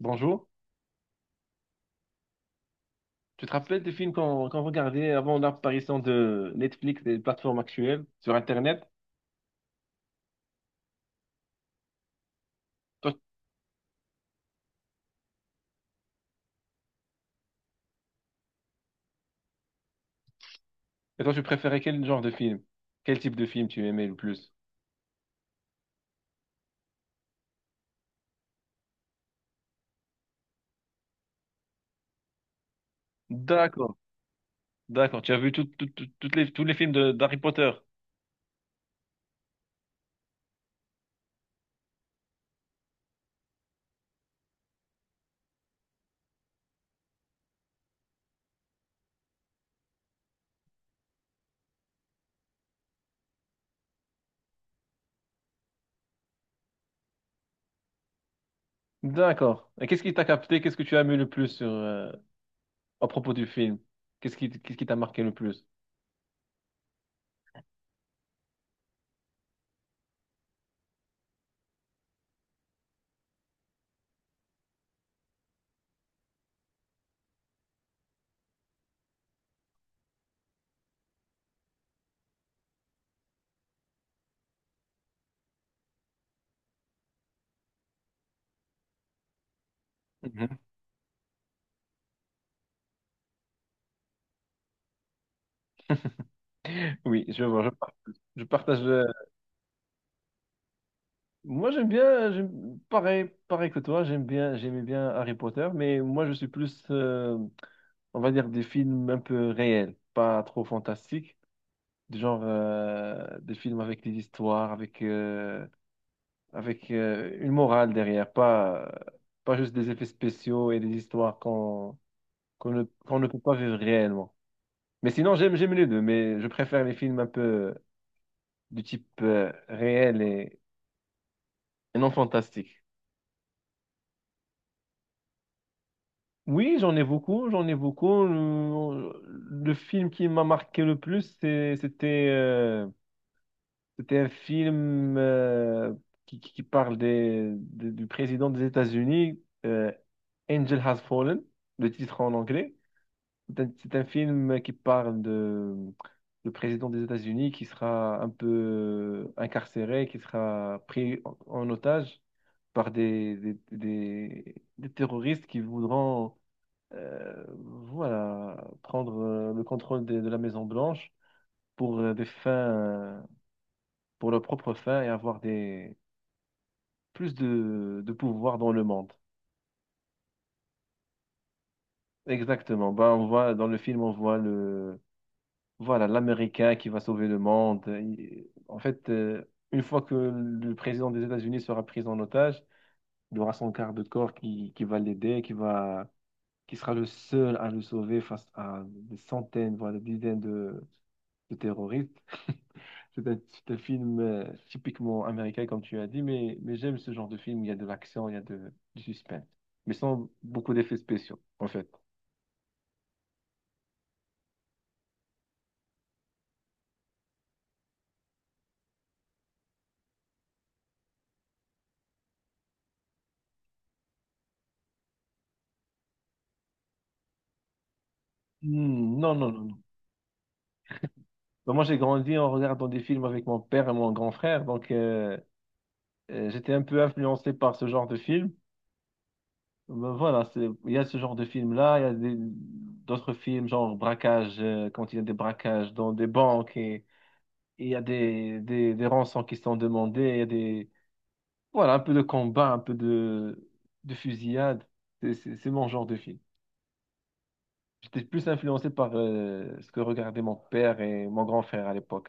Bonjour. Tu te rappelles des films qu'on regardait avant l'apparition de Netflix et des plateformes actuelles sur Internet? Toi, et toi, tu préférais quel genre de film? Quel type de film tu aimais le plus? D'accord, d'accord. Tu as vu toutes les, tous les films d'Harry Potter? D'accord. Et qu'est-ce qui t'a capté? Qu'est-ce que tu as aimé le plus sur, à propos du film? Qu'est-ce qui t'a marqué le plus? Mhm. Oui, je vois, je partage. Moi, j'aime bien, pareil, pareil que toi, j'aime bien, j'aimais bien Harry Potter, mais moi, je suis plus, on va dire, des films un peu réels, pas trop fantastiques, du genre des films avec des histoires, avec une morale derrière, pas, pas juste des effets spéciaux et des histoires qu'on ne peut pas vivre réellement. Mais sinon, j'aime, j'aime les deux, mais je préfère les films un peu du type réel et non fantastique. Oui, j'en ai beaucoup, j'en ai beaucoup. Le film qui m'a marqué le plus, c'était c'était un film qui, qui parle des, du président des États-Unis, Angel Has Fallen, le titre en anglais. C'est un film qui parle de le président des États-Unis qui sera un peu incarcéré, qui sera pris en, en otage par des terroristes qui voudront euh, voilà, prendre le contrôle de, la Maison Blanche pour des fins, pour leurs propres fins et avoir des plus de pouvoir dans le monde. Exactement. Ben, on voit dans le film, on voit le voilà l'Américain qui va sauver le monde. En fait, une fois que le président des États-Unis sera pris en otage, il aura son quart de corps qui va l'aider, qui va qui sera le seul à le sauver face à des centaines, voire des dizaines de terroristes. C'est un film typiquement américain, comme tu as dit, mais j'aime ce genre de film. Il y a de l'action, il y a de, du suspense, mais sans beaucoup d'effets spéciaux, en fait. Hmm, non, non, non, non. Ben, moi, j'ai grandi en regardant des films avec mon père et mon grand frère, donc j'étais un peu influencé par ce genre de film. Ben, voilà, c'est, il y a ce genre de film-là, il y a d'autres films, genre braquage, quand il y a des braquages dans des banques et il y a des rançons qui sont demandées, il y a des voilà, un peu de combat, un peu de fusillade. C'est mon genre de film. J'étais plus influencé par ce que regardaient mon père et mon grand frère à l'époque.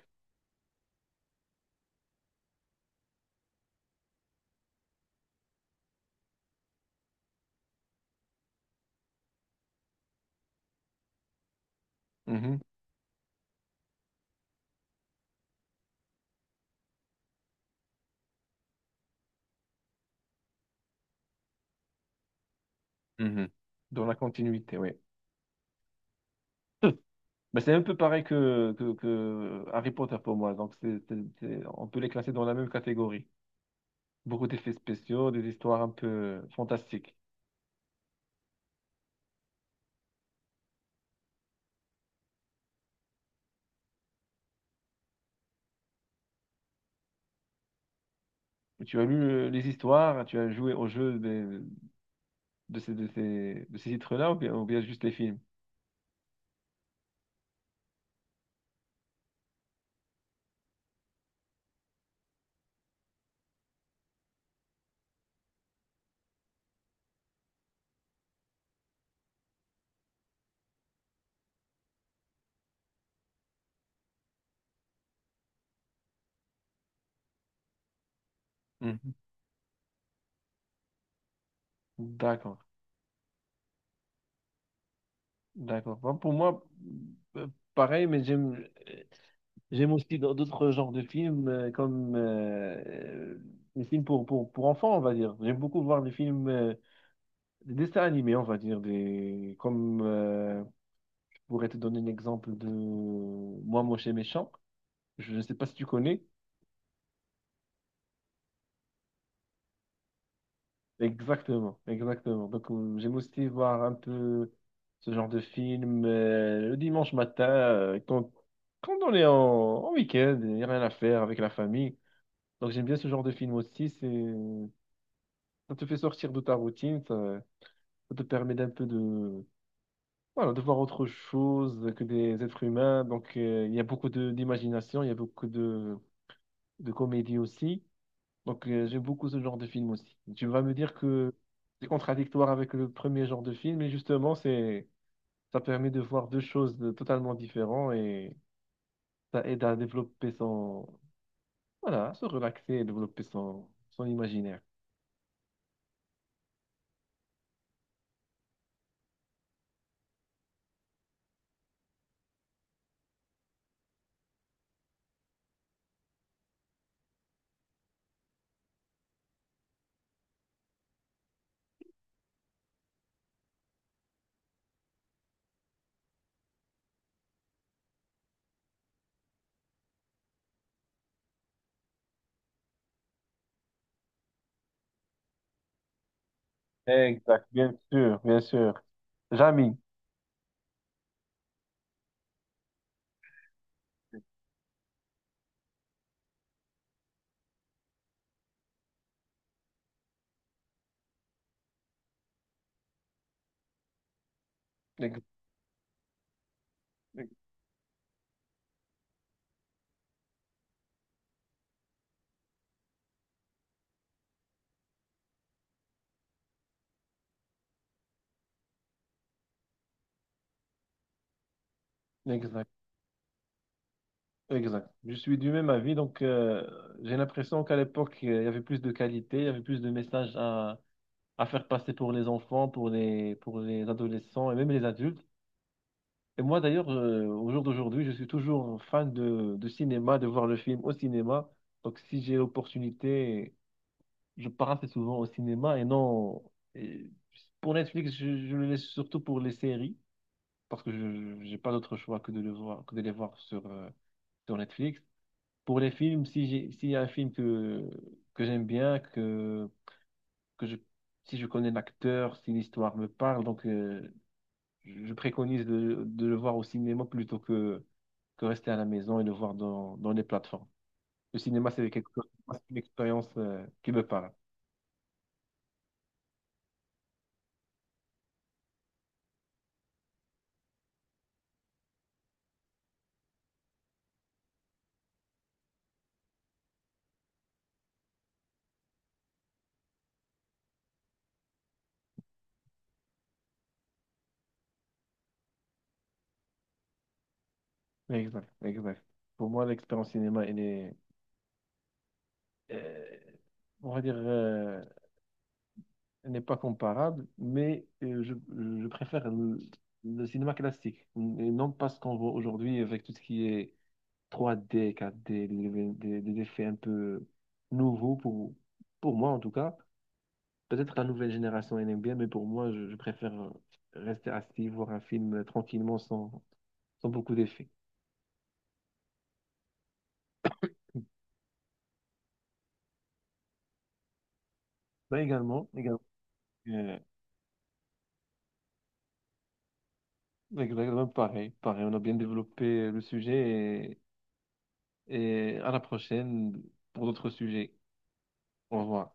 Mhm, mhm. Dans la continuité, oui. Mais c'est un peu pareil que Harry Potter pour moi. Donc, c'est, on peut les classer dans la même catégorie. Beaucoup d'effets spéciaux, des histoires un peu fantastiques. Tu as lu les histoires, tu as joué au jeu de ces, de ces, de ces titres-là ou bien juste les films? Mhm. D'accord. D'accord. Bon, pour moi, euh, pareil, mais j'aime euh, j'aime aussi dans d'autres genres de films, comme les films pour enfants, on va dire. J'aime beaucoup voir des films, des dessins animés, on va dire. Des, comme je pourrais te donner un exemple de Moi, Moche et Méchant. Je ne sais pas si tu connais. Exactement, exactement. Donc, j'aime aussi voir un peu ce genre de film le dimanche matin, quand, quand on est en, en week-end, il n'y a rien à faire avec la famille. Donc, j'aime bien ce genre de film aussi. C'est, ça te fait sortir de ta routine, ça te permet d'un peu de, voilà, de voir autre chose que des êtres humains. Donc, il y a beaucoup de, d'imagination, il y a beaucoup de comédie aussi. Donc, j'aime beaucoup ce genre de film aussi. Tu vas me dire que c'est contradictoire avec le premier genre de film, mais justement, c'est, ça permet de voir deux choses totalement différentes et ça aide à développer son, voilà, à se relaxer et développer son, son imaginaire. Exact, bien sûr, bien sûr. Jamy, Ex- ex- Exact, exact. Je suis du même avis, donc j'ai l'impression qu'à l'époque, il y avait plus de qualité, il y avait plus de messages à faire passer pour les enfants, pour les adolescents et même les adultes. Et moi d'ailleurs, au jour d'aujourd'hui, je suis toujours fan de cinéma, de voir le film au cinéma. Donc si j'ai l'opportunité, je pars assez souvent au cinéma et non. Et pour Netflix, je le laisse surtout pour les séries, parce que je n'ai pas d'autre choix que de le voir, que de les voir sur, sur Netflix. Pour les films, si j'ai, s'il y a un film que j'aime bien, que je, si je connais l'acteur, si l'histoire me parle, donc je préconise de le voir au cinéma plutôt que rester à la maison et le voir dans, dans les plateformes. Le cinéma, c'est quelque chose, c'est une expérience qui me parle. Exact, exact. Pour moi, l'expérience cinéma, elle est, euh, on va dire, elle n'est pas comparable, mais je préfère le cinéma classique, et non pas ce qu'on voit aujourd'hui avec tout ce qui est 3D, 4D, des effets un peu nouveaux pour moi en tout cas. Peut-être la nouvelle génération elle aime bien, mais pour moi, je préfère rester assis, voir un film tranquillement sans, sans beaucoup d'effets. Bah, également, également, euh, exactement pareil, pareil. On a bien développé le sujet et à la prochaine pour d'autres sujets. Au revoir.